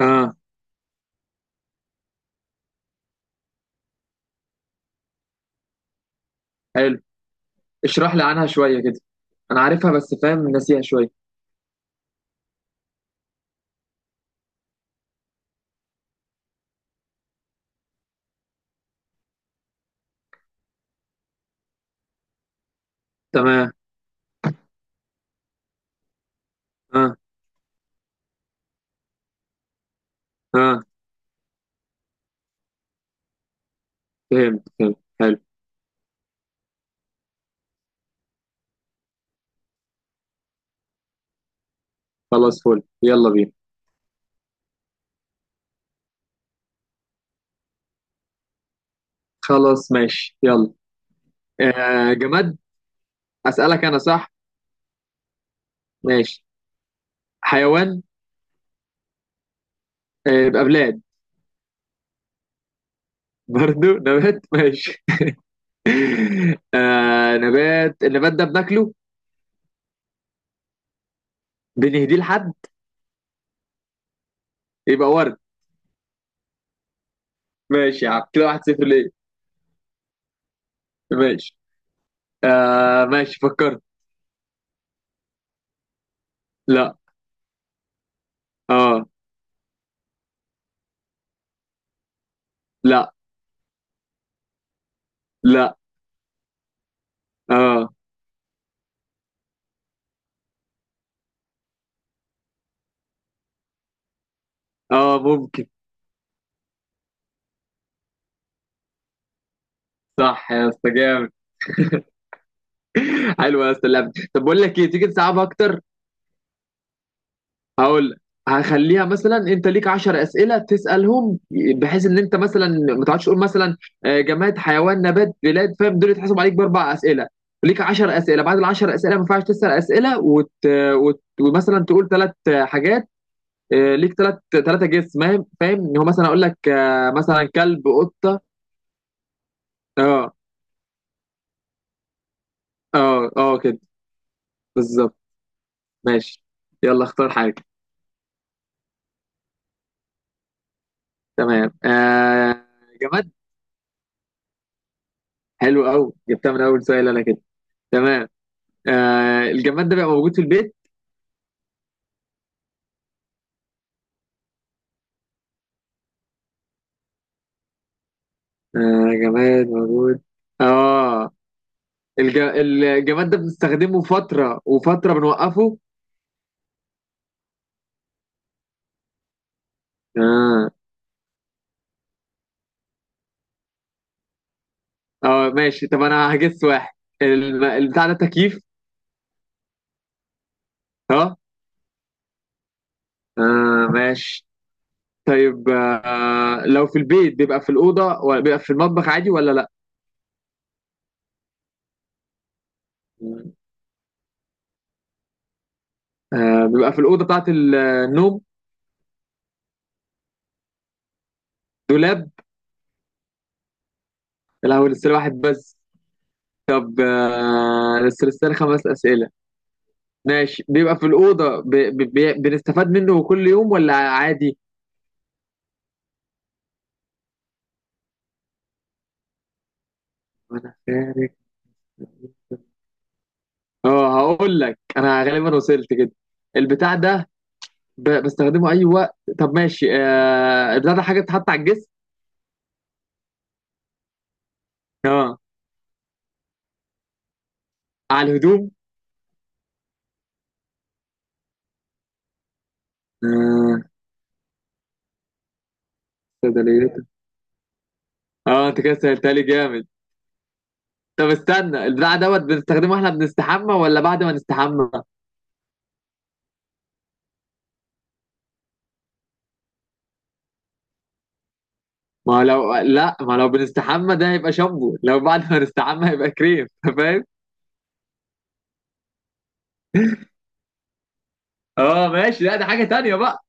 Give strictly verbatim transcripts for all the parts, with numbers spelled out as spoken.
اه. حلو، اشرح لي عنها شوية كده. انا عارفها بس فاهم ناسيها شوية. تمام. اه اه، فهمت فهمت حلو. خلاص فل، يلا بينا. خلاص ماشي يلا. آه جماد، اسألك انا صح؟ ماشي. حيوان. آه يبقى بلاد. برضو نبات، ماشي. آه نبات، النبات ده بناكله؟ بنهديه لحد؟ يبقى ورد. ماشي يا عم، كده واحد صفر ليه. ماشي آه، ماشي فكرت. لا. اه. لا. لا. اه. اه ممكن. صح يا اسطى، جامد. حلو يا اسطى اللعبه، طب بقول لك ايه، تيجي تصعب اكتر؟ هقول لك. هخليها مثلا، انت ليك عشر أسئلة اسئله تسالهم، بحيث ان انت مثلا ما تقعدش تقول مثلا آه، جماد حيوان نبات بلاد، فاهم؟ دول يتحسب عليك باربع اسئله. ليك عشرة أسئلة اسئله، بعد ال عشرة أسئلة اسئله ما ينفعش تسال اسئله وت... وت... ومثلا تقول ثلاث حاجات. آه، ليك ثلاث ثلاثه جيس، فاهم فاهم ان هو مثلا اقول لك آه، مثلا كلب قطه. اه. اه اه كده. بالظبط. ماشي، يلا اختار حاجه. تمام آه. جماد. حلو قوي، جبتها من اول سؤال انا كده. تمام. آه الجماد ده بيبقى موجود في البيت؟ آه جماد موجود. اه الج... الجماد ده بنستخدمه فترة وفترة بنوقفه؟ اه. اه ماشي، طب انا هجس واحد. الم... البتاع ده تكييف؟ اه. اه ماشي. طيب آه، لو في البيت بيبقى في الأوضة ولا بيبقى في المطبخ عادي ولا لا؟ آه بيبقى في الأوضة بتاعت النوم. دولاب؟ لا، هو لسه واحد بس. طب آه، بس لسه لي خمس أسئلة. ماشي، بيبقى في الأوضة ب... ب... ب... بنستفاد منه كل يوم ولا عادي؟ ما أنا خارج. اه هقول لك أنا غالبا وصلت كده. البتاع ده ب... بستخدمه أي وقت. طب ماشي آه... البتاع ده حاجة بتتحط على الجسم؟ اه على الهدوم؟ اه، صيدليات؟ اه انت كده سألتها لي جامد. طب استنى، البتاع دوت بنستخدمه احنا بنستحمى ولا بعد ما نستحمى؟ ما هو لو لا، ما لو بنستحمى ده هيبقى شامبو، لو بعد ما نستحمى هيبقى كريم، فاهم؟ اه ماشي، لا ده حاجة تانية بقى.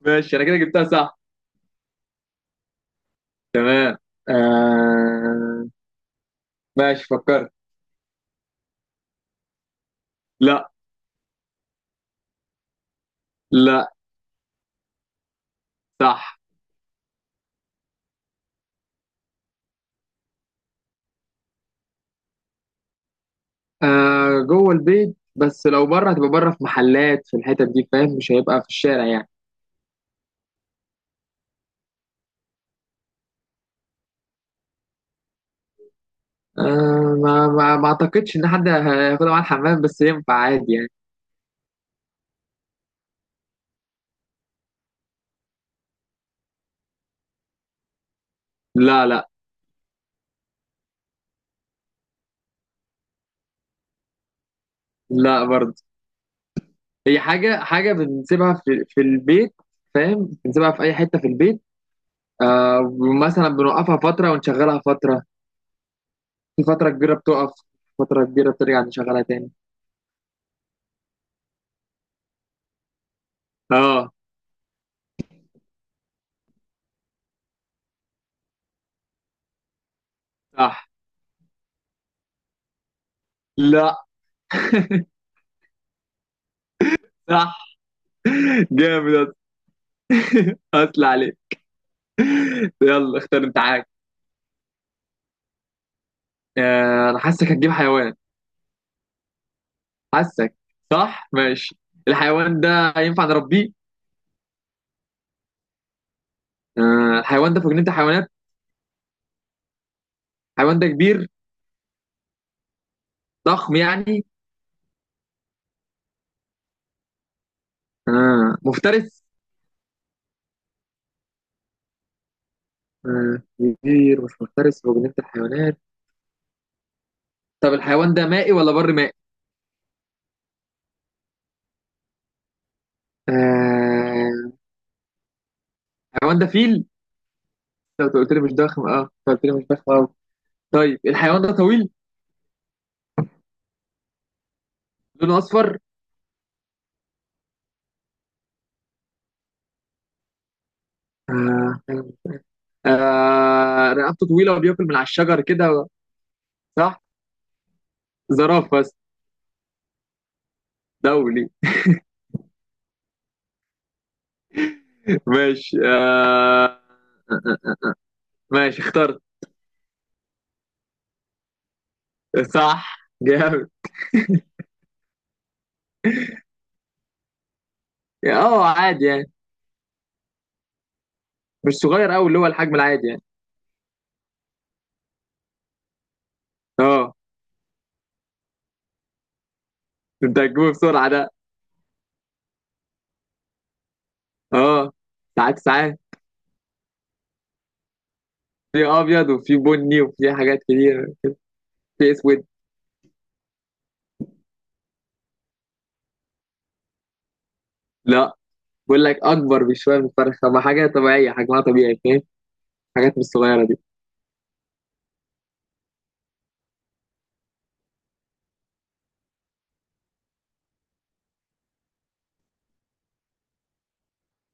ماشي انا كده جبتها صح. تمام آه... ماشي فكرت. لا. لا. صح. آه... جوه البيت، بس لو بره هتبقى بره في محلات، في الحتت دي، فاهم؟ مش هيبقى في الشارع يعني. آه... ما... ما ما اعتقدش ان حد هياخدها معاه الحمام، بس ينفع عادي يعني. لا. لا. لا برضه. هي حاجة حاجة بنسيبها في في البيت، فاهم؟ بنسيبها في اي حتة في البيت. آه، مثلا بنوقفها فترة ونشغلها فترة. في فترة كبيرة بتقف، فترة كبيرة بترجع نشغلها تاني. اه. صح. لا. صح. جامد يا اسطى. اصل عليك. يلا اختار انت حاجة. آه انا حاسك هتجيب حيوان. حاسك. صح ماشي. الحيوان ده ينفع نربيه؟ آه الحيوان ده في جنينة الحيوانات؟ الحيوان ده كبير، ضخم يعني؟ آه مفترس؟ آه، كبير مش مفترس في جنينة الحيوانات. طب الحيوان ده مائي ولا بر مائي؟ آه. الحيوان ده فيل؟ لو قلت لي مش ضخم، اه أنت قلت لي مش ضخم اه. طيب الحيوان ده طويل؟ لونه اصفر؟ آه. آه. رقبته طويله وبياكل من على الشجر كده؟ صح. زرافه بس. دولي. ماشي آه. ماشي اخترت. صح جامد. اه عادي يعني، مش صغير قوي، اللي هو الحجم العادي يعني. اه. انت هتجيبه بسرعه ده. اه، ساعات ساعات. في ابيض وفي بني وفي حاجات كتير. في اسود. لا، بقول لك اكبر بشويه من الفرخه، طب حاجه طبيعيه حجمها طبيعي، فاهم؟ الحاجات مش الصغيره دي.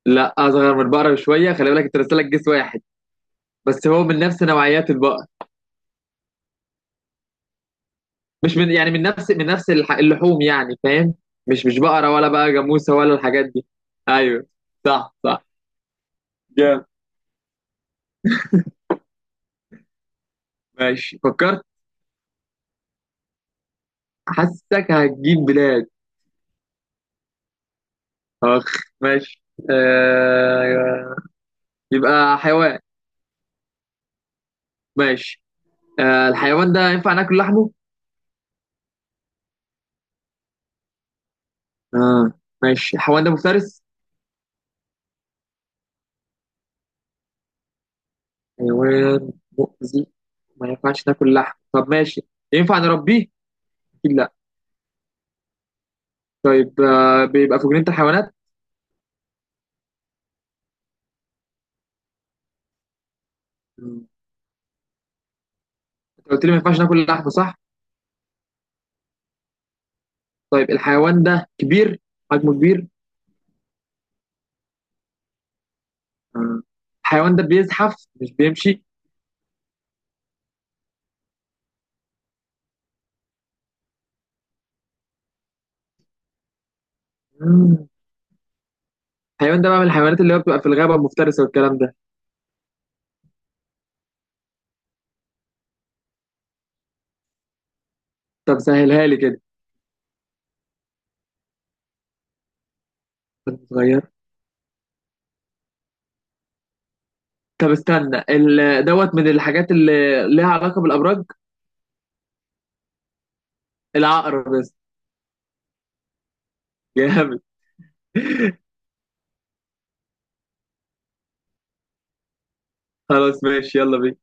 لا اصغر من البقره بشويه، خلي بالك انت راسلك جسم واحد بس، هو من نفس نوعيات البقر. مش من، يعني من نفس من نفس الح- اللحوم يعني، فاهم؟ مش مش بقره ولا بقى جاموسه ولا الحاجات دي. ايوه. صح. صح جامد. ماشي فكرت. حاسسك هتجيب بلاد. اخ. ماشي آه... يبقى حيوان. ماشي. آه الحيوان ده ينفع ناكل لحمه؟ اه ماشي، الحيوان ده مفترس؟ حيوان مؤذي، ما ينفعش تاكل لحم. طب ماشي، ينفع نربيه؟ اكيد لا. طيب آه، بيبقى في جنينة الحيوانات؟ مم. انت قلت لي ما ينفعش ناكل لحم صح؟ طيب الحيوان ده كبير؟ حجمه كبير؟ آه. الحيوان ده بيزحف مش بيمشي؟ مم. الحيوان ده بقى من الحيوانات اللي هو بتبقى في الغابة المفترسة والكلام ده؟ طب سهلها لي كده. كان صغير. طب استنى، ال- دوت من الحاجات اللي ليها علاقة بالأبراج. العقرب بس. جامد. خلاص ماشي، يلا بينا.